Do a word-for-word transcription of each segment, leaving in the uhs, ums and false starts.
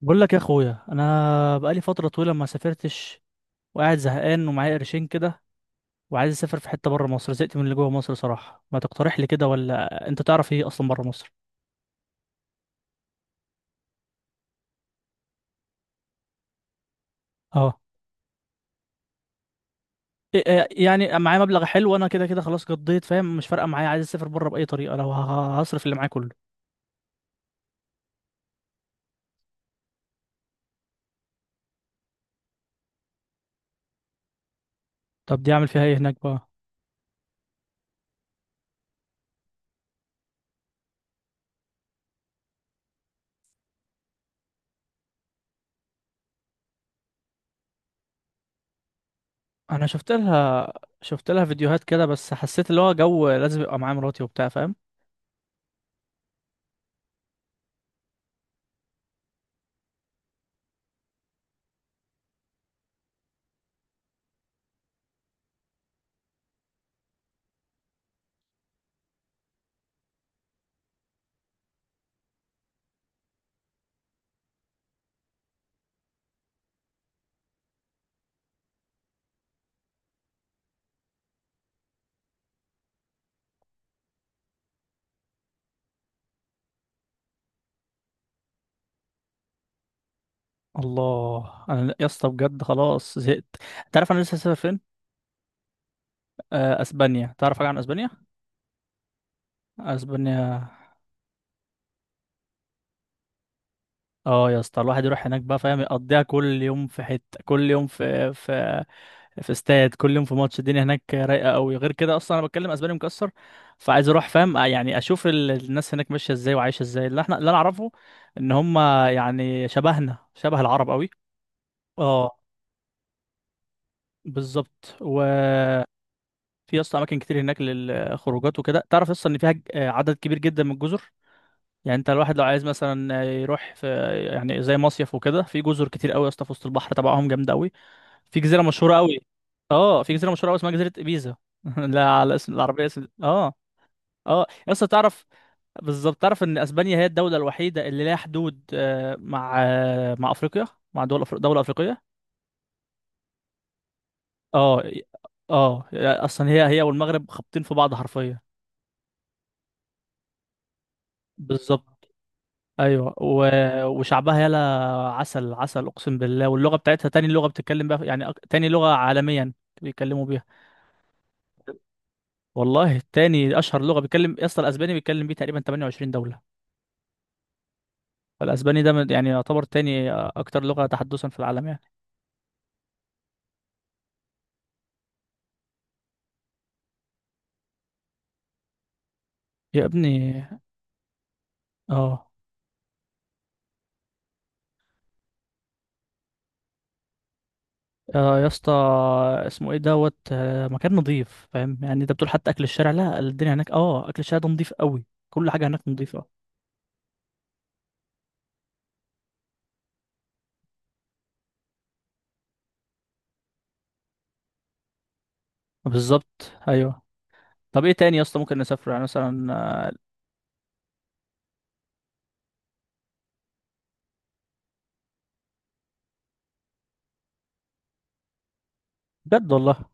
بقول لك يا اخويا، انا بقالي فتره طويله ما سافرتش وقاعد زهقان ومعايا قرشين كده، وعايز اسافر في حته بره مصر. زهقت من اللي جوه مصر صراحه. ما تقترح لي كده، ولا انت تعرف ايه اصلا بره مصر؟ اه. إيه- إيه، يعني معايا مبلغ حلو، انا كده كده خلاص قضيت، فاهم؟ مش فارقه معايا، عايز اسافر بره باي طريقه لو ه- هصرف اللي معايا كله. طب دي اعمل فيها ايه هناك بقى؟ انا شفت لها، شفت لها فيديوهات كده، بس حسيت اللي هو جو لازم يبقى معايا مراتي وبتاع، فاهم؟ الله. انا يا اسطى بجد خلاص زهقت. انت عارف انا لسه هسافر فين؟ آه، اسبانيا. تعرف حاجه عن اسبانيا؟ اسبانيا. اه يا اسطى، الواحد يروح هناك بقى، فاهم؟ يقضيها كل يوم في حته، كل يوم في في في استاد، كل يوم في ماتش. الدنيا هناك رايقه قوي. غير كده، اصلا انا بتكلم اسباني مكسر، فعايز اروح، فاهم؟ آه، يعني اشوف ال- الناس هناك ماشيه ازاي وعايشه ازاي. اللي احنا، اللي انا اعرفه ان هم يعني شبهنا، شبه العرب قوي. اه. بالظبط. وفي يا اسطى اماكن كتير هناك للخروجات وكده. تعرف اصلا ان فيها ج- عدد كبير جدا من الجزر؟ يعني انت الواحد لو عايز مثلا يروح في، يعني زي مصيف وكده، في جزر كتير قوي يا اسطى، في وسط البحر تبعهم جامده قوي. في جزيره مشهوره قوي. اه، في جزيره مشهوره قوي اسمها جزيره ابيزا. لا، على اسم العربيه، اسم اه. اه يا اسطى، تعرف؟ بالظبط. تعرف ان اسبانيا هي الدوله الوحيده اللي لها حدود آه، مع آه، مع افريقيا، مع دول أفر... دوله افريقيه. اه اه. اصلا هي هي والمغرب خابطين في بعض حرفيا. بالظبط. ايوه و... وشعبها يلا، عسل عسل، اقسم بالله. واللغه بتاعتها تاني لغه بتتكلم بقى، يعني أك- تاني لغه عالميا بيتكلموا بيها. والله تاني اشهر لغه بيتكلم يا اسطى. الاسباني بيتكلم بيه تقريبا تمانية وعشرين دوله. فالاسباني ده من- يعني يعتبر تاني اكتر لغه تحدثا في العالم يعني. يا ابني اه. آه يا اسطى، اسمه ايه دوت آه، مكان نظيف، فاهم؟ يعني انت بتقول حتى اكل الشارع؟ لا، الدنيا هناك، اه، اكل الشارع ده نظيف قوي. كل حاجه هناك نظيفه. بالظبط ايوه. طب ايه تاني يا اسطى ممكن نسافر يعني مثلا؟ بجد والله.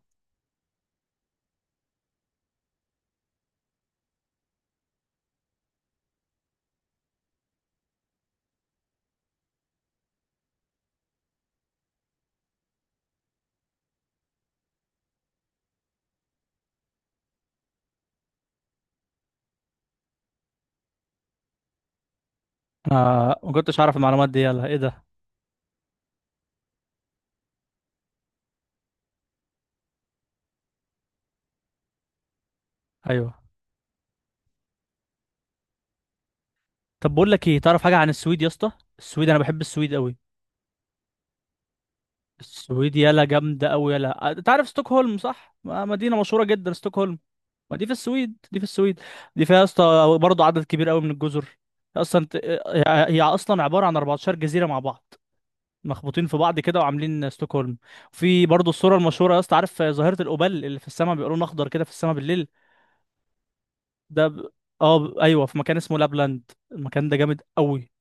آه، ما كنتش اعرف المعلومات دي، يلا ايه ده! ايوه. طب بقول لك ايه، تعرف حاجه عن السويد يا اسطى؟ السويد، انا بحب السويد قوي. السويد يلا جامده قوي يلا. آه، انت عارف ستوكهولم، صح؟ ما- مدينه مشهوره جدا ستوكهولم. ما دي في السويد، دي في السويد. دي فيها يا اسطى برضه عدد كبير قوي من الجزر. اصلا ت- هي، هي اصلا عباره عن أربعة عشر جزيره مع بعض، مخبوطين في بعض كده وعاملين ستوكهولم. في برضه الصوره المشهوره يا اسطى، عارف ظاهره الأوبال اللي في السماء، بيبقى لون اخضر كده في السماء بالليل؟ ده ب... اه، ب- ايوه، في مكان اسمه لابلاند، المكان ده جامد قوي.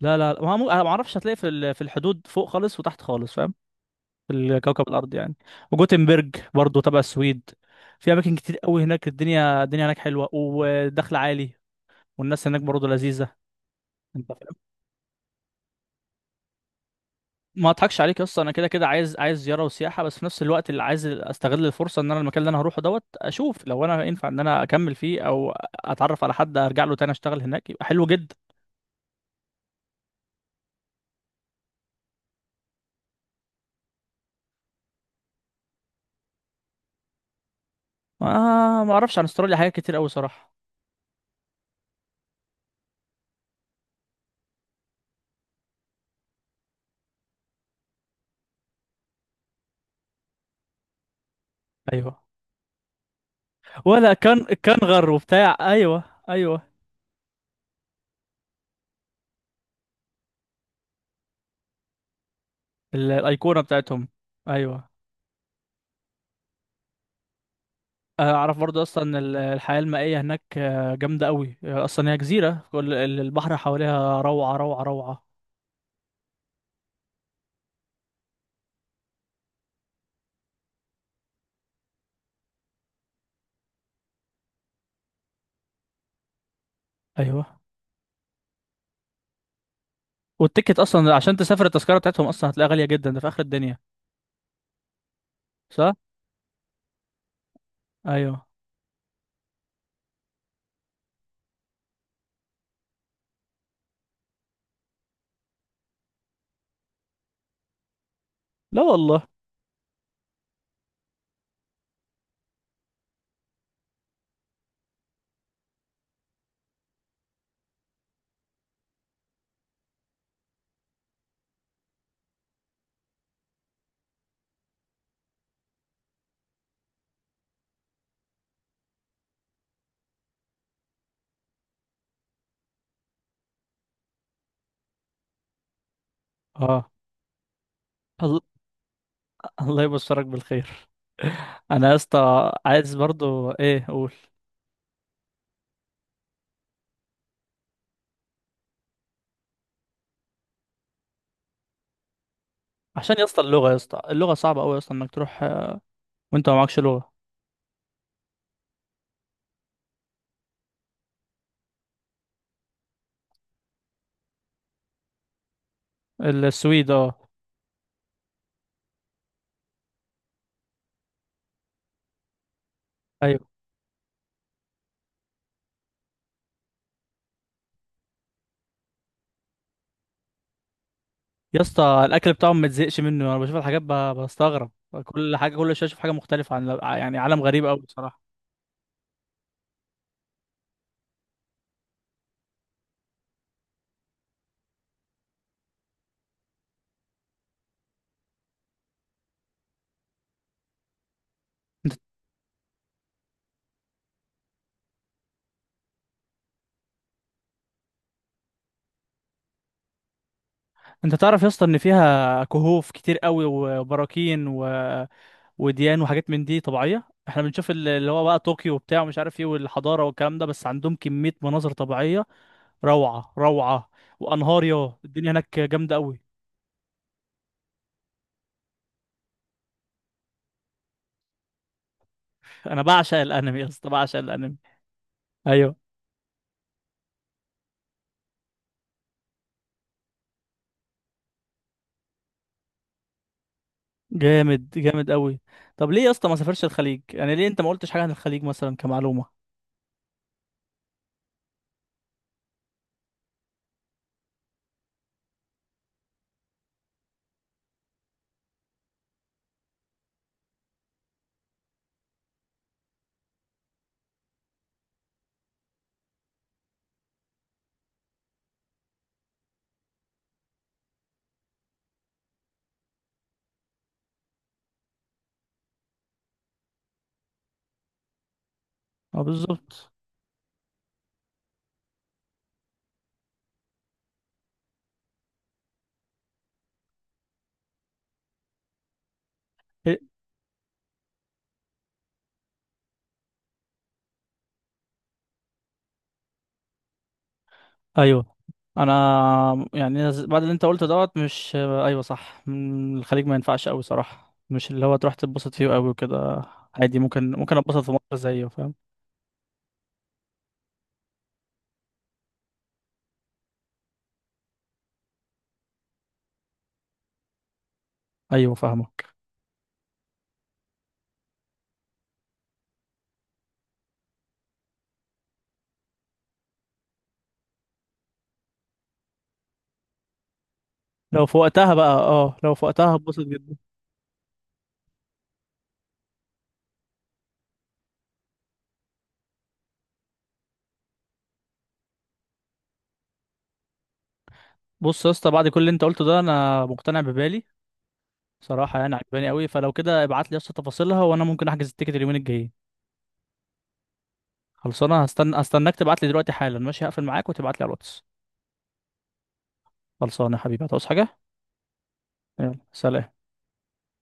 لا لا لا، ما مو... انا ما اعرفش. هتلاقي في ال- في الحدود فوق خالص وتحت خالص، فاهم؟ في الكوكب الارض يعني. وجوتنبرج برضو تبع السويد. في اماكن كتير قوي هناك. الدنيا، الدنيا هناك حلوه ودخل عالي. والناس هناك برضو لذيذه. انت فاهم؟ ما اضحكش عليك يا اسطى، انا كده كده عايز عايز زياره وسياحه، بس في نفس الوقت اللي عايز استغل الفرصه ان انا المكان اللي انا هروحه دوت اشوف لو انا ينفع ان انا اكمل فيه او اتعرف على حد ارجع له تاني اشتغل هناك، يبقى حلو جدا. آه، ما اعرفش عن استراليا حاجات كتير قوي صراحه. ايوه. ولا كان كانغر وبتاع، ايوه ايوه. ال- الايقونه بتاعتهم. ايوه. اعرف برضو اصلا ال- الحياه المائيه هناك آه، جامده قوي. اصلا هي جزيره، كل ال- البحر حواليها روعه روعه روعه. ايوه. والتيكت اصلا عشان تسافر، التذكره بتاعتهم اصلا هتلاقيها غاليه جدا، ده في اخر الدنيا. صح. ايوه. لا والله. اه. الله. الله يبشرك بالخير. انا يا اسطى عايز برضو، ايه اقول، عشان يا اسطى اللغه، يا اسطى اللغه صعبه قوي اصلا انك تروح آه، وانت ما معكش لغه. السويد اه. أيوه. يا اسطى الاكل بتاعهم ما تزهقش منه. انا بشوف الحاجات ب- بستغرب. كل حاجه، كل شويه اشوف حاجه مختلفه، عن يعني عالم غريب قوي بصراحه. انت انت تعرف يا اسطى ان فيها كهوف كتير قوي وبراكين و... وديان وحاجات من دي طبيعيه. احنا بنشوف ال- اللي هو بقى طوكيو وبتاع، ومش عارف ايه، والحضاره والكلام ده، بس عندهم كميه مناظر طبيعيه روعه روعه، وانهار. يا، الدنيا هناك جامده قوي. انا بعشق الانمي يا اسطى، بعشق الانمي. ايوه. جامد جامد قوي. طب ليه يا اسطى ما سافرش الخليج؟ يعني ليه انت ما قلتش حاجه عن الخليج مثلا كمعلومه؟ اه بالظبط. إيه؟ ايوه. انا يعني ز- بعد اللي انت قلته دوت مش ايوه صح. مم، الخليج ما ينفعش قوي صراحه، مش اللي هو تروح تتبسط فيه قوي وكده. عادي، ممكن ممكن اتبسط في مصر زيه، فاهم؟ ايوه فاهمك. لو في وقتها بقى، اه، لو في وقتها هتبسط جدا. بص يا اسطى، بعد كل اللي انت قلته ده، انا مقتنع ببالي صراحه، يعني عجباني قوي. فلو كده ابعت لي يا اسطى تفاصيلها، وانا ممكن احجز التيكت اليومين الجايين. خلصانه. هستنى، استناك تبعت لي دلوقتي حالا، ماشي؟ هقفل معاك وتبعت لي على الواتس. خلصانه يا حبيبي. هتعوز حاجه؟ يلا سلام.